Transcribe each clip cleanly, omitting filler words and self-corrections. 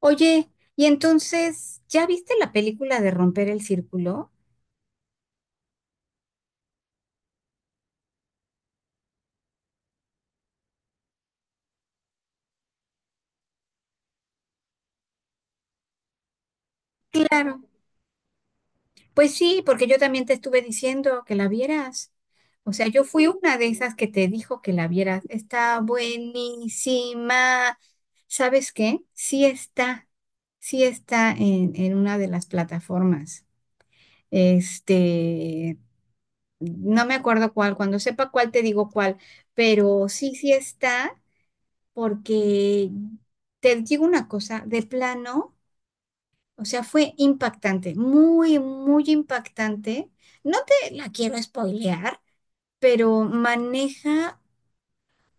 Oye, y entonces, ¿ya viste la película de Romper el Círculo? Claro. Pues sí, porque yo también te estuve diciendo que la vieras. O sea, yo fui una de esas que te dijo que la vieras. Está buenísima. ¿Sabes qué? Sí está. Sí está en una de las plataformas. Este, no me acuerdo cuál. Cuando sepa cuál, te digo cuál. Pero sí, sí está. Porque te digo una cosa, de plano, o sea, fue impactante, muy, muy impactante. No te la quiero spoilear, pero maneja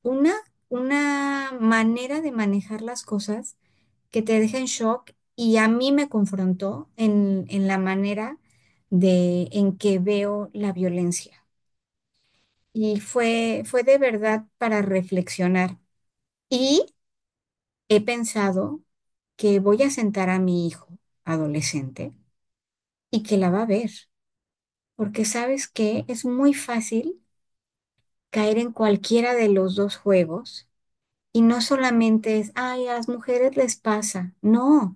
una, una manera de manejar las cosas que te deja en shock y a mí me confrontó en la manera de en que veo la violencia. Y fue, fue de verdad para reflexionar. Y he pensado que voy a sentar a mi hijo adolescente y que la va a ver, porque sabes que es muy fácil caer en cualquiera de los dos juegos y no solamente es, ay, a las mujeres les pasa, no,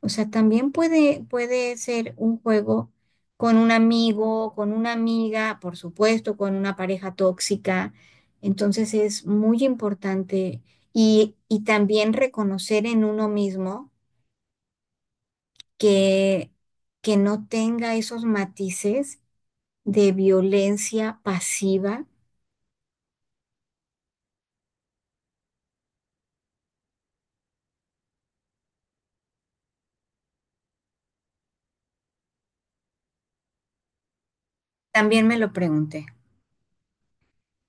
o sea, también puede, puede ser un juego con un amigo, con una amiga, por supuesto, con una pareja tóxica, entonces es muy importante y también reconocer en uno mismo que, que no tenga esos matices de violencia pasiva. También me lo pregunté,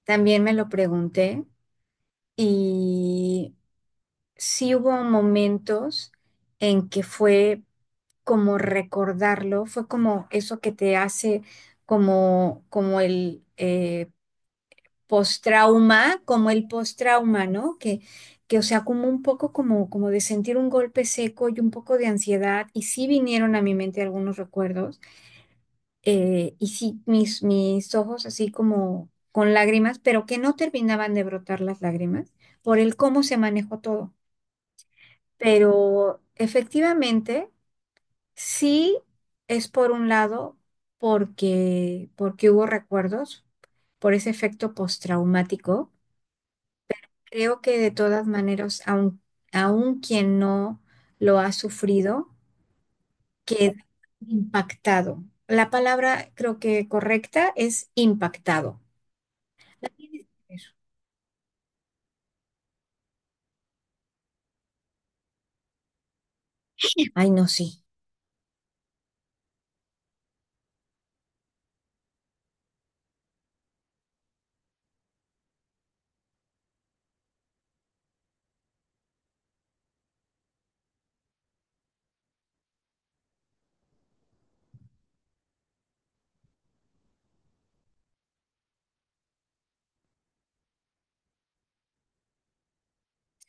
también me lo pregunté y sí hubo momentos en que fue como recordarlo, fue como eso que te hace como, como postrauma, como el postrauma, ¿no? Que, o sea, como un poco como, como de sentir un golpe seco y un poco de ansiedad, y sí vinieron a mi mente algunos recuerdos, y sí mis ojos así como con lágrimas, pero que no terminaban de brotar las lágrimas por el cómo se manejó todo. Pero efectivamente, sí es por un lado porque hubo recuerdos por ese efecto postraumático. Creo que de todas maneras, aun quien no lo ha sufrido, queda impactado. La palabra creo que correcta es impactado. La tienes que ver. Ay, no, sí,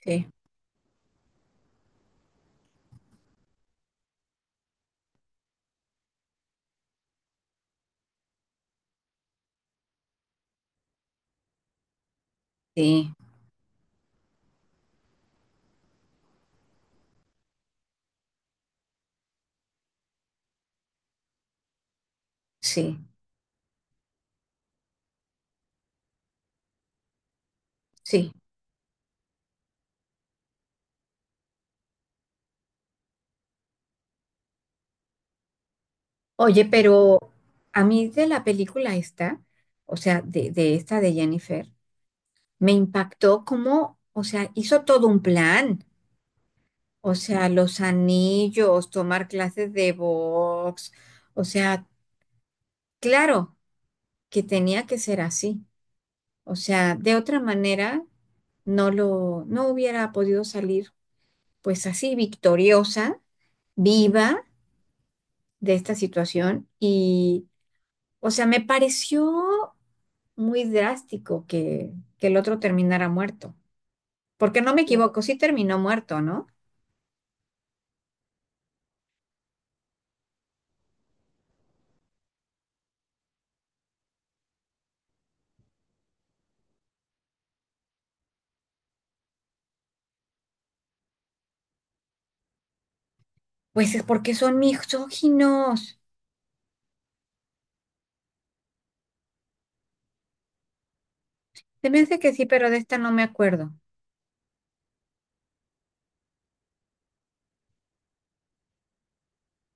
sí, sí, sí, sí. Oye, pero a mí de la película esta, o sea, de esta de Jennifer, me impactó como, o sea, hizo todo un plan. O sea, los anillos, tomar clases de box, o sea, claro que tenía que ser así. O sea, de otra manera no no hubiera podido salir pues así victoriosa, viva de esta situación. Y, o sea, me pareció muy drástico que el otro terminara muerto. Porque no me Claro. equivoco, sí terminó muerto, ¿no? Pues es porque son misóginos. Se me hace que sí, pero de esta no me acuerdo.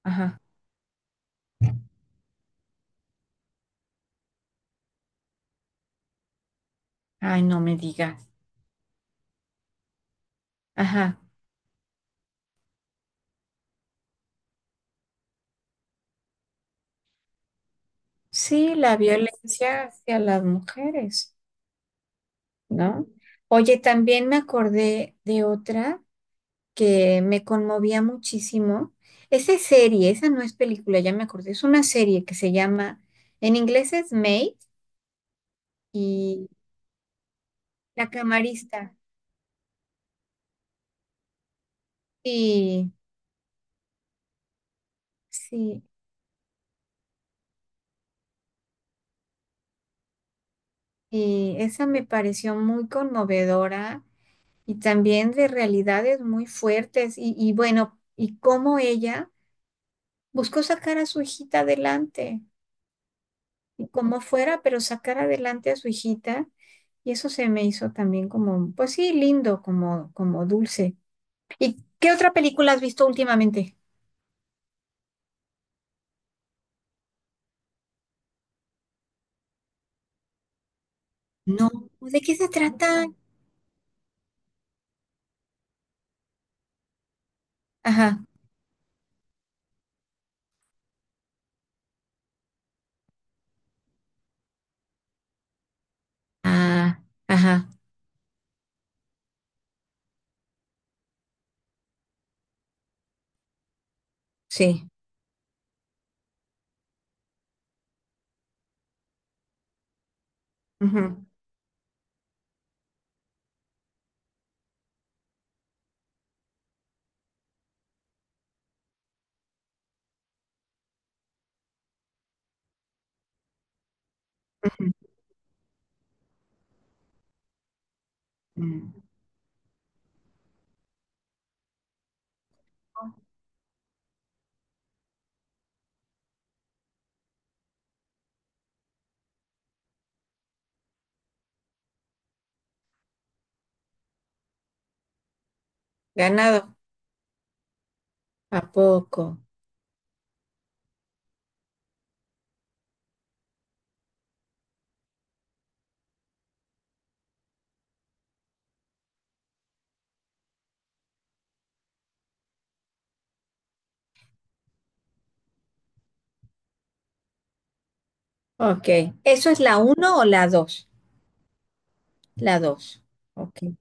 Ajá. Ay, no me digas. Ajá. Sí, la violencia hacia las mujeres, ¿no? Oye, también me acordé de otra que me conmovía muchísimo. Esa es serie, esa no es película, ya me acordé, es una serie que se llama, en inglés es Maid, y La Camarista. Sí, sí, y esa me pareció muy conmovedora y también de realidades muy fuertes y bueno, y cómo ella buscó sacar a su hijita adelante. Como fuera, pero sacar adelante a su hijita. Y eso se me hizo también como, pues sí, lindo, como, como dulce. ¿Y qué otra película has visto últimamente? No, ¿de qué se trata? Ajá. Ah, ajá, sí. Ujú, ujú. Mm. Ganado. ¿A poco? Ok. ¿Eso es la uno o la dos? La dos. Ok.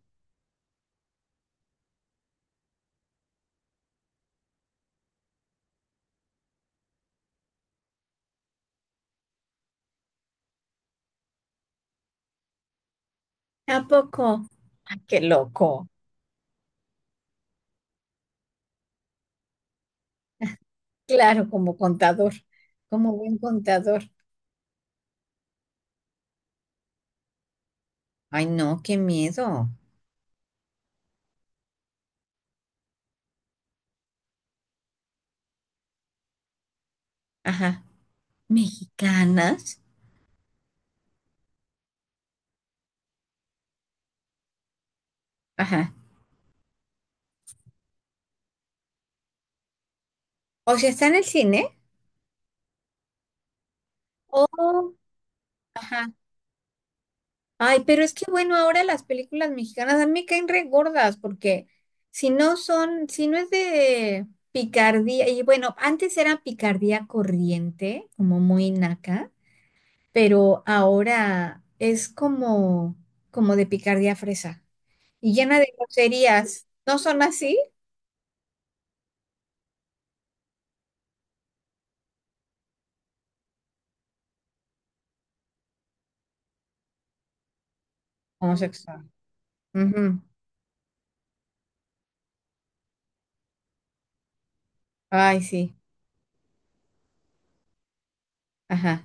¿A poco? Ay, qué loco. Claro, como contador, como buen contador. Ay, no, qué miedo. Ajá. Mexicanas. Ajá. O sea, está en el cine. Oh. Ajá. Ay, pero es que bueno, ahora las películas mexicanas a mí me caen re gordas porque si no son, si no es de picardía, y bueno, antes era picardía corriente, como muy naca, pero ahora es como, como de picardía fresa y llena de groserías. ¿No son así? Homosexual. Ujú. Ay, sí. Ajá.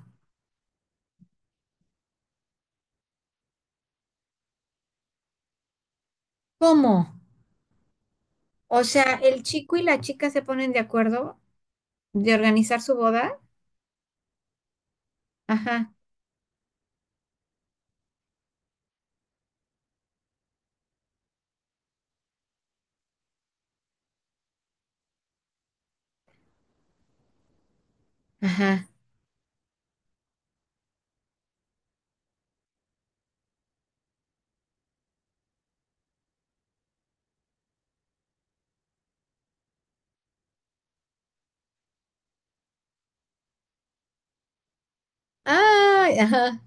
¿Cómo? O sea, el chico y la chica se ponen de acuerdo de organizar su boda. Ajá, ajá. Ay, ajá.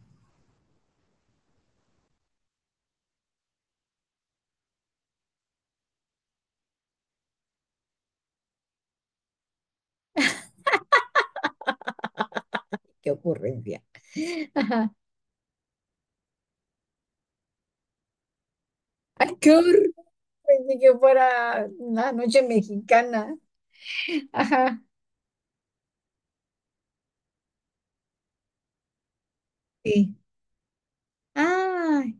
Qué ocurrencia. Ajá. Ay, qué horror. Pensé que fuera una noche mexicana. Ajá. Sí. Ay,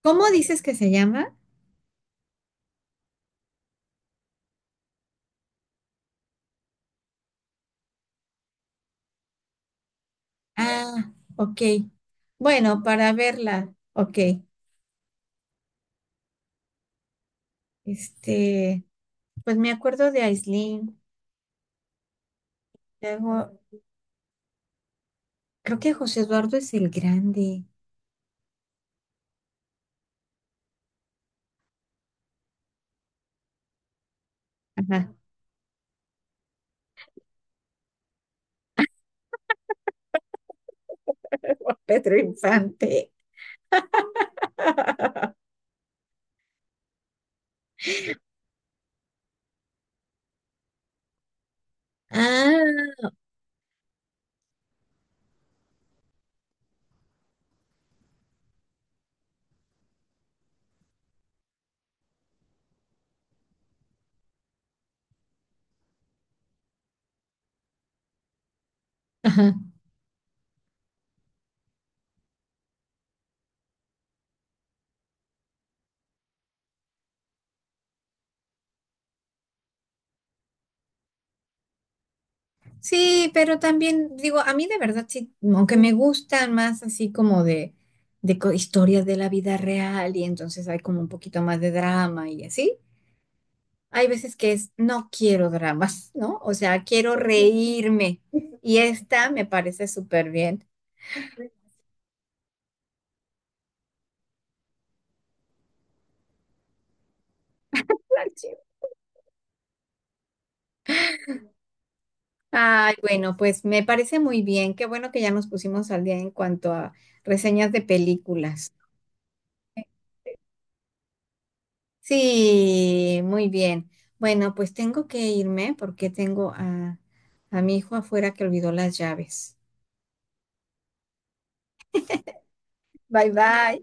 ¿cómo dices que se llama? Ah, ok. Bueno, para verla. Ok. Este, pues me acuerdo de Aislinn. Luego, creo que José Eduardo es el grande. Ajá. Pedro Infante. Ah, ajá. Sí, pero también digo, a mí de verdad sí, aunque me gustan más así como de co- historias de la vida real y entonces hay como un poquito más de drama y así, hay veces que es, no quiero dramas, ¿no? O sea, quiero reírme y esta me parece súper bien. Ay, bueno, pues me parece muy bien. Qué bueno que ya nos pusimos al día en cuanto a reseñas de películas. Sí, muy bien. Bueno, pues tengo que irme porque tengo a mi hijo afuera que olvidó las llaves. Bye bye.